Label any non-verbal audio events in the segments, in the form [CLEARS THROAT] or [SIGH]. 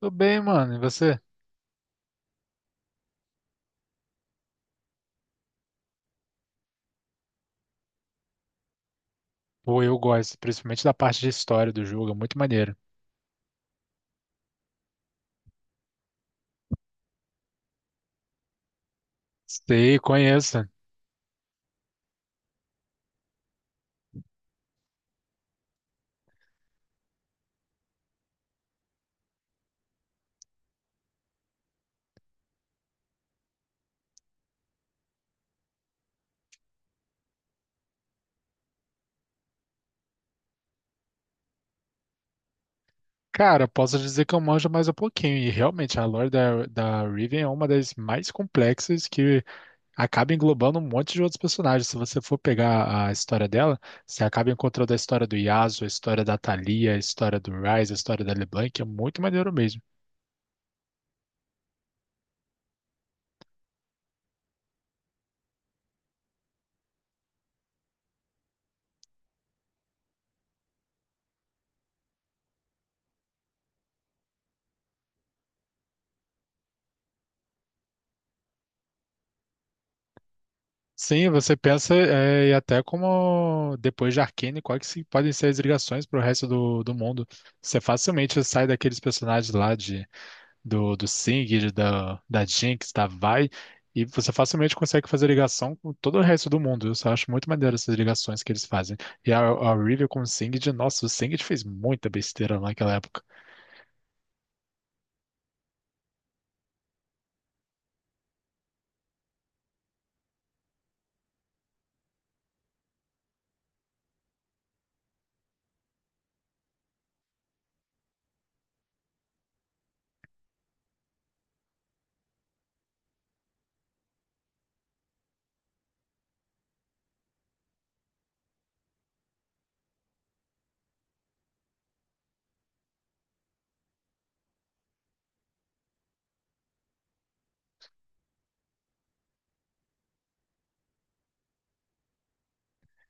Tudo bem, mano. E você? Pô, eu gosto, principalmente da parte de história do jogo, é muito maneiro. Sei, conheço. Cara, posso dizer que eu manjo mais um pouquinho, e realmente a lore da Riven é uma das mais complexas que acaba englobando um monte de outros personagens. Se você for pegar a história dela, você acaba encontrando a história do Yasuo, a história da Thalia, a história do Ryze, a história da LeBlanc, é muito maneiro mesmo. Sim, você pensa, é, e até como depois de Arcane, quais que se- podem ser as ligações para o resto do mundo? Você facilmente sai daqueles personagens lá do Singed, da Jinx, da Vi, e você facilmente consegue fazer ligação com todo o resto do mundo. Eu só acho muito maneiro essas ligações que eles fazem. E a Riven com o Singed, nossa, o Singed fez muita besteira naquela época.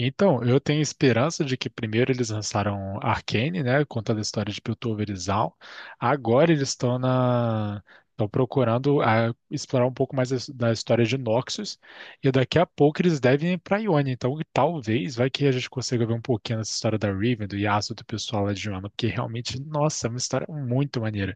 Então, eu tenho esperança de que primeiro eles lançaram Arcane, né, contando a história de Piltover e Zaun. Agora eles estão procurando explorar um pouco mais da história de Noxus e daqui a pouco eles devem ir para Ionia. Então, talvez vai que a gente consiga ver um pouquinho dessa história da Riven, do Yasuo, do pessoal lá de Ionia, porque realmente, nossa, é uma história muito maneira.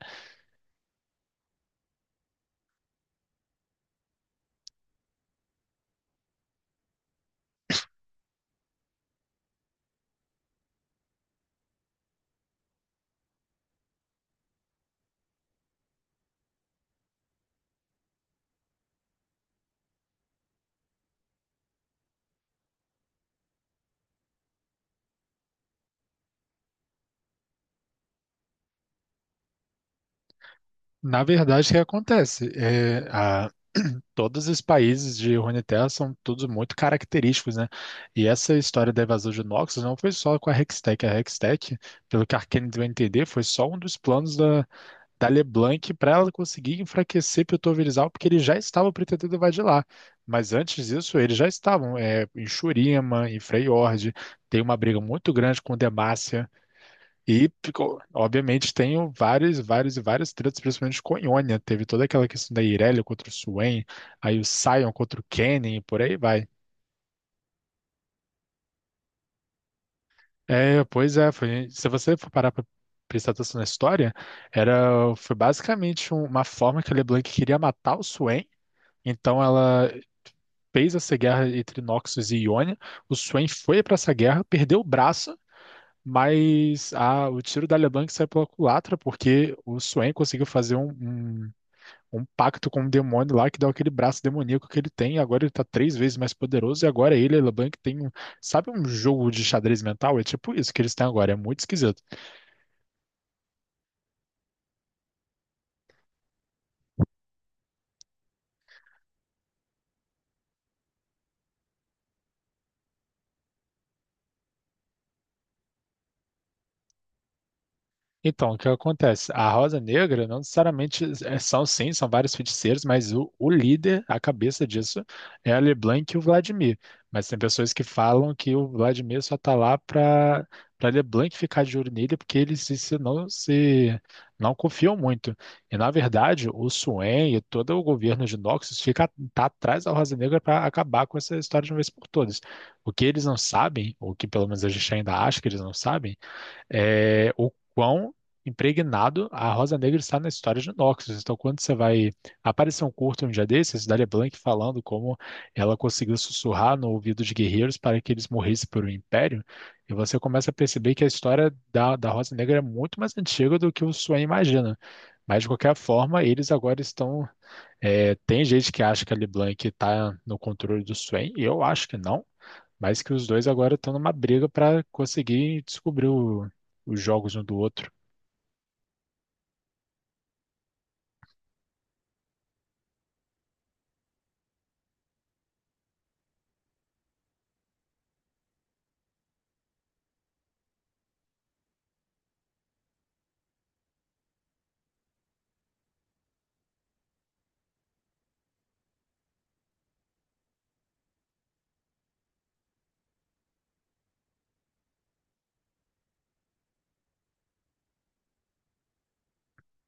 Na verdade, o que acontece? [CLEARS THROAT] Todos os países de Runeterra são todos muito característicos, né? E essa história da invasão de Noxus não foi só com a Hextech. A Hextech, pelo que a Arcane vai entender, foi só um dos planos da LeBlanc para ela conseguir enfraquecer Piltoverizal, porque eles já estavam pretendendo invadir lá. Mas antes disso, eles já estavam é, em Shurima, em Freyord, tem uma briga muito grande com Demacia. E, obviamente, tenho vários, vários e vários tretas, principalmente com Ionia. Teve toda aquela questão da Irelia contra o Swain, aí o Sion contra o Kenny e por aí vai. É, pois é, se você for parar pra prestar atenção na história, foi basicamente uma forma que a LeBlanc queria matar o Swain, então ela fez essa guerra entre Noxus e Ionia, o Swain foi pra essa guerra, perdeu o braço, mas o tiro da LeBlanc saiu pela culatra, porque o Swain conseguiu fazer um pacto com um demônio lá que dá aquele braço demoníaco que ele tem. Agora ele tá três vezes mais poderoso e agora ele, Elobank, tem um. Sabe um jogo de xadrez mental? É tipo isso que eles têm agora. É muito esquisito. Então, o que acontece? A Rosa Negra não necessariamente são, sim, são vários feiticeiros, mas o líder, a cabeça disso, é a LeBlanc e o Vladimir. Mas tem pessoas que falam que o Vladimir só tá lá para LeBlanc ficar de olho nele, porque eles se, se não se não confiam muito. E na verdade, o Suen e todo o governo de Noxus fica tá atrás da Rosa Negra para acabar com essa história de uma vez por todas. O que eles não sabem, ou que pelo menos a gente ainda acha que eles não sabem é, o quão impregnado a Rosa Negra está na história de Noxus. Então, quando você vai aparecer um curto um dia desses, Daria Blanc falando como ela conseguiu sussurrar no ouvido de guerreiros para que eles morressem por um império, e você começa a perceber que a história da Rosa Negra é muito mais antiga do que o Swain imagina. Mas, de qualquer forma, eles agora estão. É, tem gente que acha que a LeBlanc está no controle do Swain, eu acho que não. Mas que os dois agora estão numa briga para conseguir descobrir os jogos um do outro.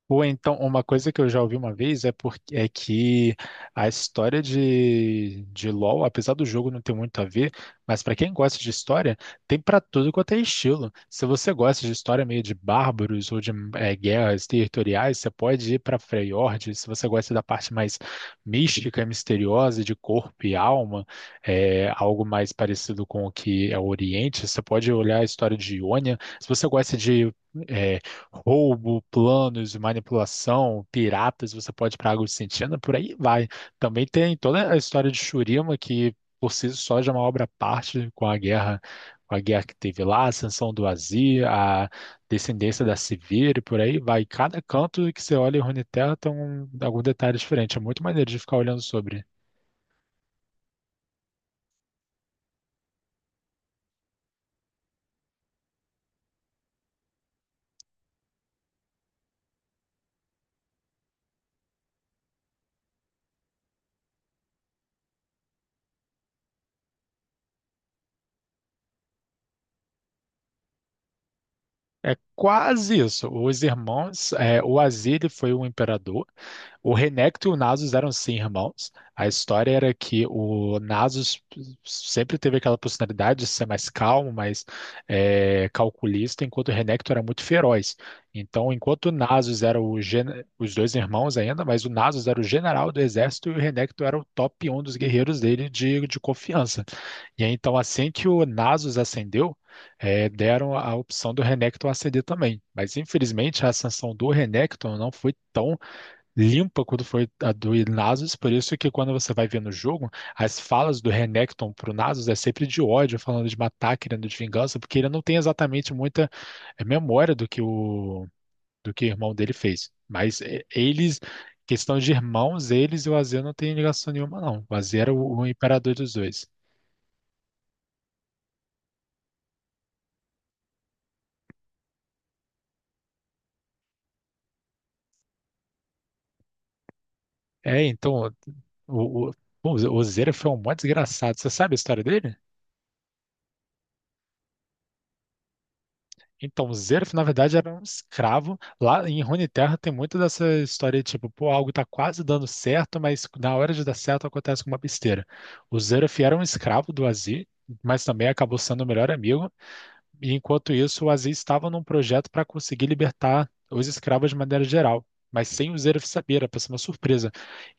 Ou então, uma coisa que eu já ouvi uma vez é, porque, é que a história de LoL, apesar do jogo não ter muito a ver, mas para quem gosta de história, tem para tudo quanto é estilo. Se você gosta de história meio de bárbaros ou de guerras territoriais, você pode ir para Freyord. Se você gosta da parte mais mística e misteriosa de corpo e alma, é, algo mais parecido com o que é o Oriente, você pode olhar a história de Ionia. Se você gosta de eh, roubo, planos, de manipulação, piratas, você pode ir para a Água Sentina, por aí vai. Também tem toda a história de Shurima, que por si só já é uma obra à parte com a guerra que teve lá, a ascensão do Azir, a descendência da Sivir, e por aí vai. Cada canto que você olha em Runeterra tem um, algum detalhe diferente. É muito maneiro de ficar olhando sobre. É quase isso. Os irmãos, é, o Azir foi um imperador. O Renekton e o Nasus eram sim irmãos. A história era que o Nasus sempre teve aquela personalidade de ser mais calmo, mais é, calculista, enquanto o Renekton era muito feroz. Então, enquanto o Nasus era o os dois irmãos ainda, mas o Nasus era o general do exército e o Renekton era o top 1 dos guerreiros dele de confiança. E aí, então, assim que o Nasus acendeu, deram a opção do Renekton acender também. Mas, infelizmente, a ascensão do Renekton não foi tão limpa quanto foi a do Nasus. Por isso que, quando você vai ver no jogo, as falas do Renekton pro Nasus é sempre de ódio, falando de matar, querendo de vingança, porque ele não tem exatamente muita memória do que do que o irmão dele fez. Mas eles... Questão de irmãos, eles e o Azir não tem ligação nenhuma, não. O Azir era o imperador dos dois. É, então, o, o, bom, o Zeref é um mó desgraçado. Você sabe a história dele? Então, o Zeref, na verdade, era um escravo. Lá em Runeterra tem muito dessa história, tipo, pô, algo tá quase dando certo, mas na hora de dar certo acontece com uma besteira. O Zeref era um escravo do Azir, mas também acabou sendo o melhor amigo. E enquanto isso, o Aziz estava num projeto para conseguir libertar os escravos de maneira geral, mas sem o Zeref saber, era para ser uma surpresa.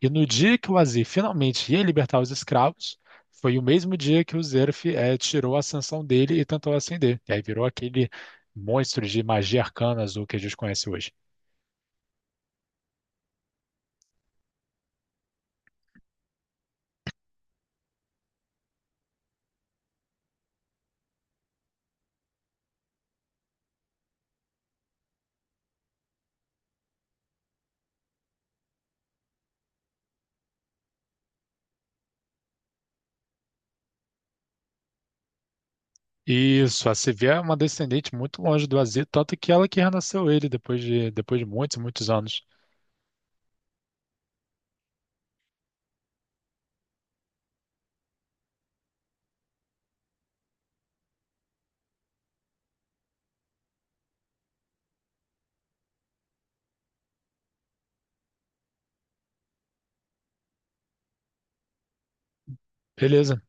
E no dia que o Aziz finalmente ia libertar os escravos, foi o mesmo dia que o Zeref tirou a sanção dele e tentou acender. E aí virou aquele monstro de magia arcana azul que a gente conhece hoje. Isso, a Sevilla é uma descendente muito longe do Aziz, tanto que ela que renasceu ele depois de muitos, muitos anos. Beleza.